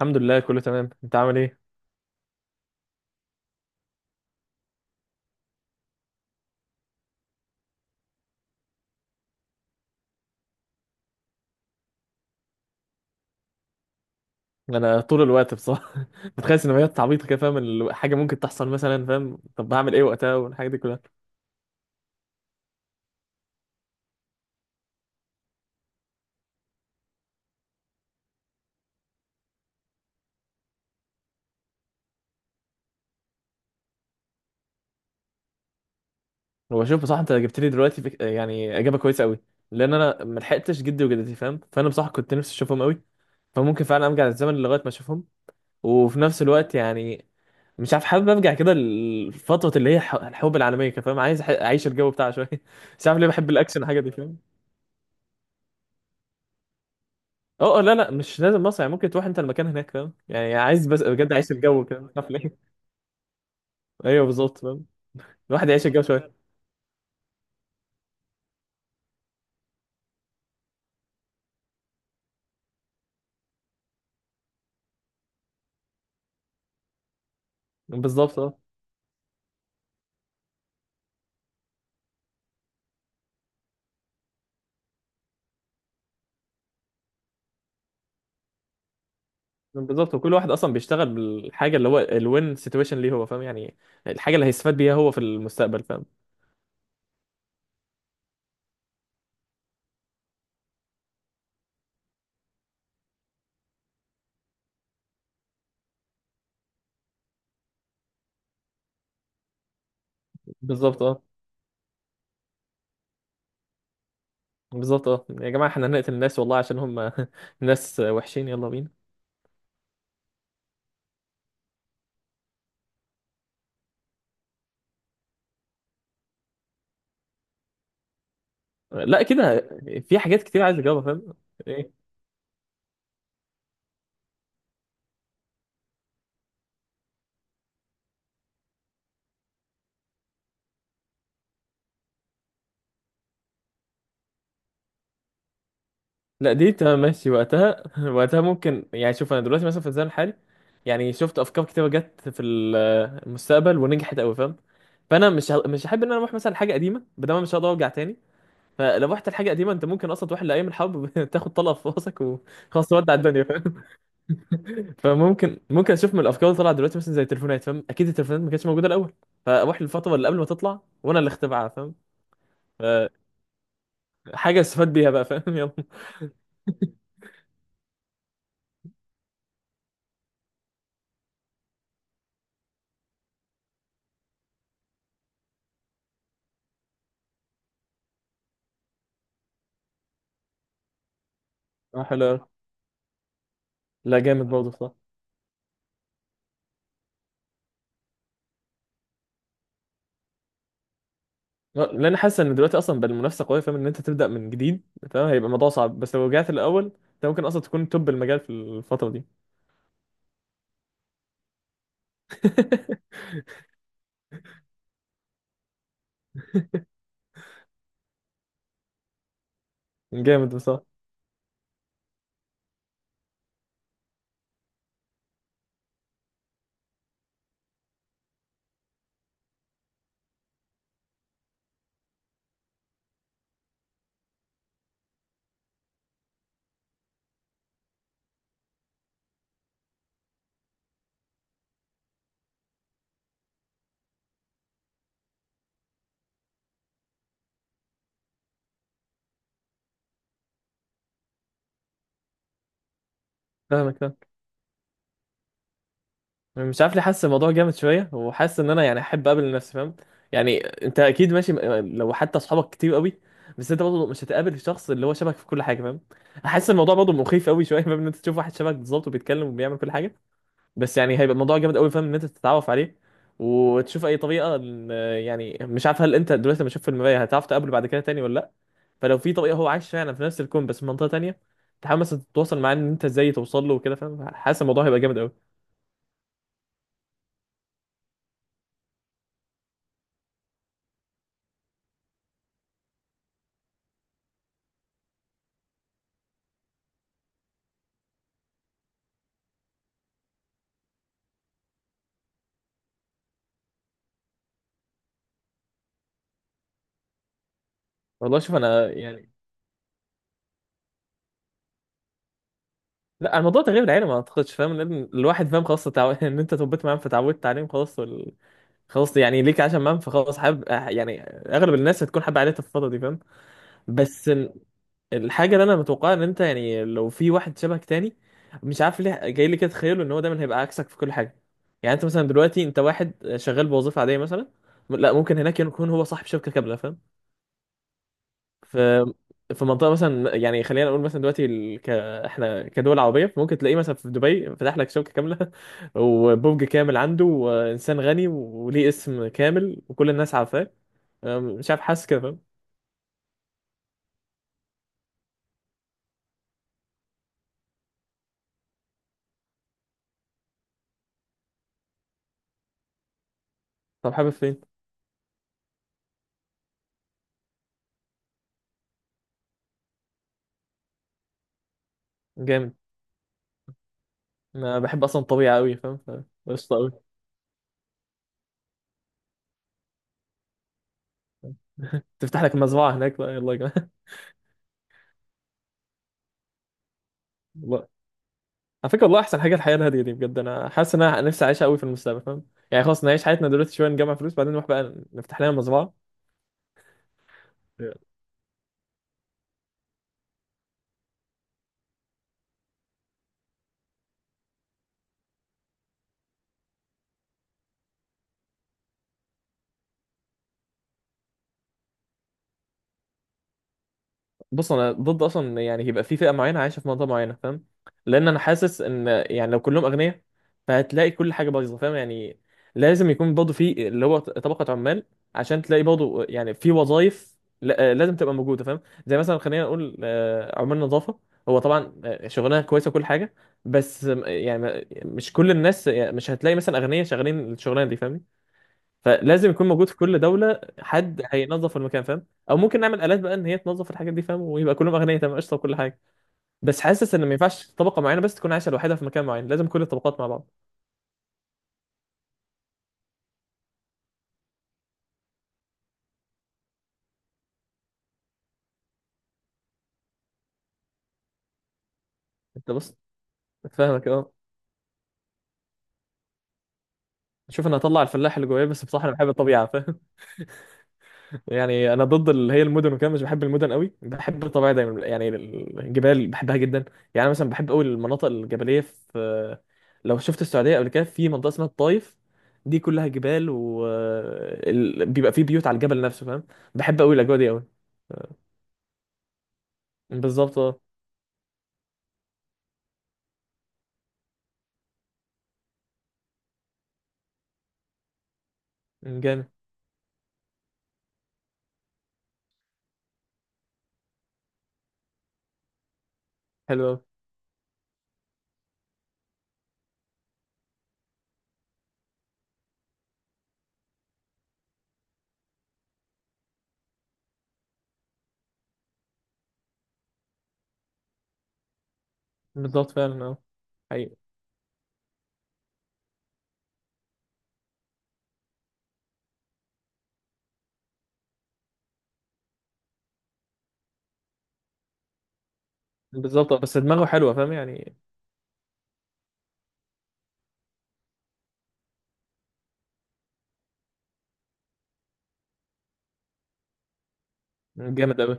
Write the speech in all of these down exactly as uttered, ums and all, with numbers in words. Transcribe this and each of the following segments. الحمد لله، كله تمام. انت عامل ايه؟ انا طول الوقت بصراحه، بتخيل سيناريوهات عبيطه كده، فاهم؟ ال- حاجه ممكن تحصل مثلا، فاهم؟ طب هعمل ايه وقتها والحاجات دي كلها؟ وبشوف بصراحه، انت جبت لي دلوقتي فك... يعني اجابه كويسه قوي، لان انا ما لحقتش جدي وجدتي، فاهم؟ فانا بصراحه كنت نفسي اشوفهم قوي، فممكن فعلا ارجع للزمن لغايه ما اشوفهم. وفي نفس الوقت يعني مش عارف، حابب ارجع كده لفتره اللي هي ح- الحروب العالميه كده، فاهم؟ عايز أح- اعيش الجو بتاعها شويه. مش عارف ليه بحب الاكشن، حاجه دي، فاهم. اه، آه، لا لا، مش لازم مصر، يعني ممكن تروح انت المكان هناك، فاهم. يعني عايز بس بجد عايش الجو كده، مش عارف ليه. ايوه، بالظبط، فاهم. الواحد يعيش الجو شويه. بالظبط، اه. بالظبط، وكل واحد اصلا بيشتغل بالحاجه اللي هو الوين سيتويشن ليه هو، فاهم يعني. الحاجه اللي هيستفاد بيها هو في المستقبل، فاهم. بالظبط، اه. بالظبط، اه. يا جماعه احنا هنقتل الناس والله عشان هم ناس وحشين، يلا بينا. لا كده، في حاجات كتير عايز اجاوبها، فاهم. إيه؟ لا دي تمام، ماشي وقتها. وقتها ممكن، يعني شوف انا دلوقتي مثلا في الزمن الحالي، يعني شفت افكار كتيره جت في ال- المستقبل ونجحت قوي، فاهم. فانا مش ه... مش هحب ان انا اروح مثلا لحاجه قديمه، بدل ما مش هقدر ارجع تاني. فلو رحت لحاجه قديمه، انت ممكن اصلا تروح لايام الحرب تاخد طلقه في راسك وخلاص تودع الدنيا، فاهم. فممكن، ممكن اشوف من الافكار اللي طلعت دلوقتي، مثلا زي التليفونات، فاهم. اكيد التليفونات ما كانتش موجوده الاول، فاروح للفتره اللي قبل ما تطلع وانا اللي اخترعها، فاهم. ف- حاجه استفاد بيها بقى، فاهم. يلا. آه، حلو أوي. لا، جامد برضه، صح. لا، لأن انا حاسس ان دلوقتي اصلا بقى المنافسه قويه، فاهم، ان انت تبدا من جديد، فاهم. هيبقى الموضوع صعب، بس لو رجعت الاول انت ممكن اصلا تكون توب المجال في الفتره دي. جامد بصراحه. فاهمك فاهمك. مش عارف ليه حاسس الموضوع جامد شويه، وحاسس ان انا يعني احب اقابل نفسي، فاهم. يعني انت اكيد ماشي لو حتى اصحابك كتير قوي، بس انت برضه مش هتقابل الشخص اللي هو شبهك في كل حاجه، فاهم. احس الموضوع برضه مخيف قوي شويه، فاهم، ان انت تشوف واحد شبهك بالظبط وبيتكلم وبيعمل كل حاجه. بس يعني هيبقى الموضوع جامد قوي، فاهم، ان انت تتعرف عليه وتشوف اي طريقه إن- يعني مش عارف، هل انت دلوقتي لما تشوف في المرايه هتعرف تقابله بعد كده تاني ولا لا. فلو في طريقه هو عايش فعلا في نفس الكون بس في منطقه تانيه، تحاول مثلا تتواصل معاه، ان انت ازاي توصل له وكده، فاهم. حاسس الموضوع هيبقى جامد قوي. والله شوف، انا يعني لا، الموضوع تغيير العيله ما اعتقدش، فاهم، لان الواحد فاهم خلاص تعو... ان انت تربيت معاهم فتعودت عليهم خلاص وال... خلاص، يعني ليك عشان معاهم فخلاص حابب، يعني اغلب الناس هتكون حابه عيلتها في الفتره دي، فاهم. بس الحاجه اللي انا متوقعها، ان انت يعني لو في واحد شبهك تاني، مش عارف ليه جاي لي كده تخيله ان هو دايما هيبقى عكسك في كل حاجه. يعني انت مثلا دلوقتي انت واحد شغال بوظيفه عاديه مثلا، لا ممكن هناك يكون هو صاحب شركه كامله، فاهم. في في منطقه مثلا، يعني خلينا نقول مثلا دلوقتي ال... ك... احنا كدول عربيه، ممكن تلاقيه مثلا في دبي فتح لك شركه كامله وبرج كامل عنده وانسان غني وليه اسم كامل وكل الناس عارفاه. أم، مش عارف، حاسس كده، فاهم. طب حابب فين؟ جامد. انا بحب اصلا الطبيعه قوي، فاهم. ف- قشطه، تفتح لك مزرعه هناك بقى، يلا يا جماعه. والله. على فكره، والله احسن حاجه الحياه الهاديه دي، بجد انا حاسس ان انا نفسي اعيشها قوي في المستقبل، فاهم يعني. خلاص نعيش حياتنا دلوقتي شويه، نجمع فلوس، بعدين نروح بقى نفتح لنا مزرعه. بص، انا ضد اصلا إن يعني يبقى في فئه معينه عايشه في منطقه معينه، فاهم. لان انا حاسس ان يعني لو كلهم اغنياء، فهتلاقي كل حاجه بايظه، فاهم يعني. لازم يكون برضه في اللي هو طبقه عمال، عشان تلاقي برضه يعني في وظائف لا- لازم تبقى موجوده، فاهم. زي مثلا خلينا نقول آه، عمال نظافه. هو طبعا آه، شغلانه كويسه وكل حاجه، بس آه، يعني مش كل الناس، يعني مش هتلاقي مثلا اغنياء شغالين الشغلانه دي، فاهمني. فلازم يكون موجود في كل دولة حد مم. هينظف المكان، فاهم. او ممكن نعمل آلات بقى ان هي تنظف الحاجات دي، فاهم، ويبقى كلهم اغنياء تمام، قشطة وكل حاجة. بس حاسس ان ما ينفعش طبقة معينة بس تكون عايشة لوحدها في مكان معين، لازم كل الطبقات مع بعض. انت بص، فاهمك اه. شوف، انا هطلع الفلاح اللي جوايا، بس بصراحة انا بحب الطبيعة. يعني انا ضد اللي هي المدن وكده، مش بحب المدن قوي، بحب الطبيعه دايما، يعني الجبال بحبها جدا. يعني أنا مثلا بحب قوي المناطق الجبليه في، لو شفت السعوديه قبل كده، في منطقه اسمها الطايف، دي كلها جبال و ال- بيبقى فيه بيوت على الجبل نفسه، فاهم. بحب قوي الاجواء دي قوي. بالظبط، اه. جامد. حلو قوي. بالظبط، فعلا، اه. حقيقي. بالظبط، آه. بس دماغه حلوه، فاهم يعني. جامد قوي.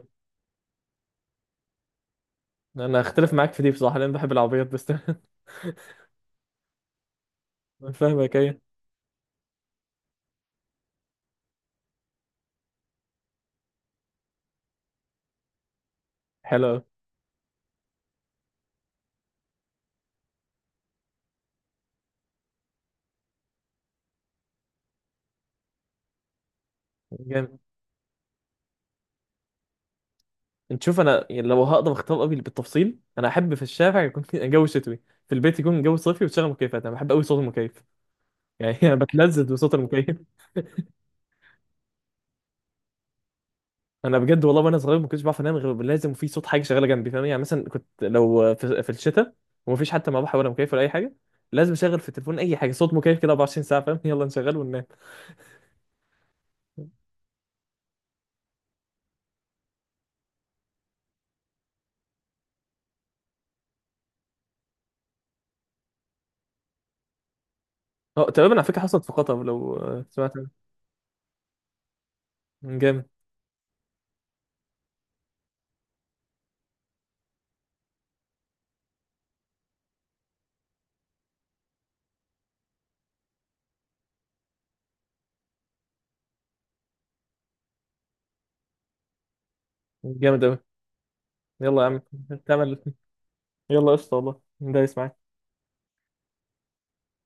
انا اختلف معاك في دي بصراحه، لان بحب العربيات بس. فاهمك، ايه. حلو أوي. جامد. انت شوف، انا يعني لو هقدر اختار ابي بالتفصيل، انا احب في الشارع يكون جو شتوي، في البيت يكون جو صيفي وتشغل مكيفات. انا بحب قوي صوت المكيف، يعني. انا بتلذذ بصوت المكيف. انا بجد والله، وانا صغير ما كنتش بعرف انام غير لازم في صوت حاجه شغاله جنبي، فاهم يعني. مثلا كنت لو في, في الشتاء ومفيش حتى مروحه ولا مكيف ولا اي حاجه، لازم اشغل في التليفون اي حاجه، صوت مكيف كده، أربعة وعشرين ساعه، فاهم. يلا نشغل وننام. اه تقريبا، على فكره حصلت في قطر، لو آه، سمعت عنها. جامد. جامد قوي. يلا يا عم، تعمل، يلا قشطه، والله ده يسمع.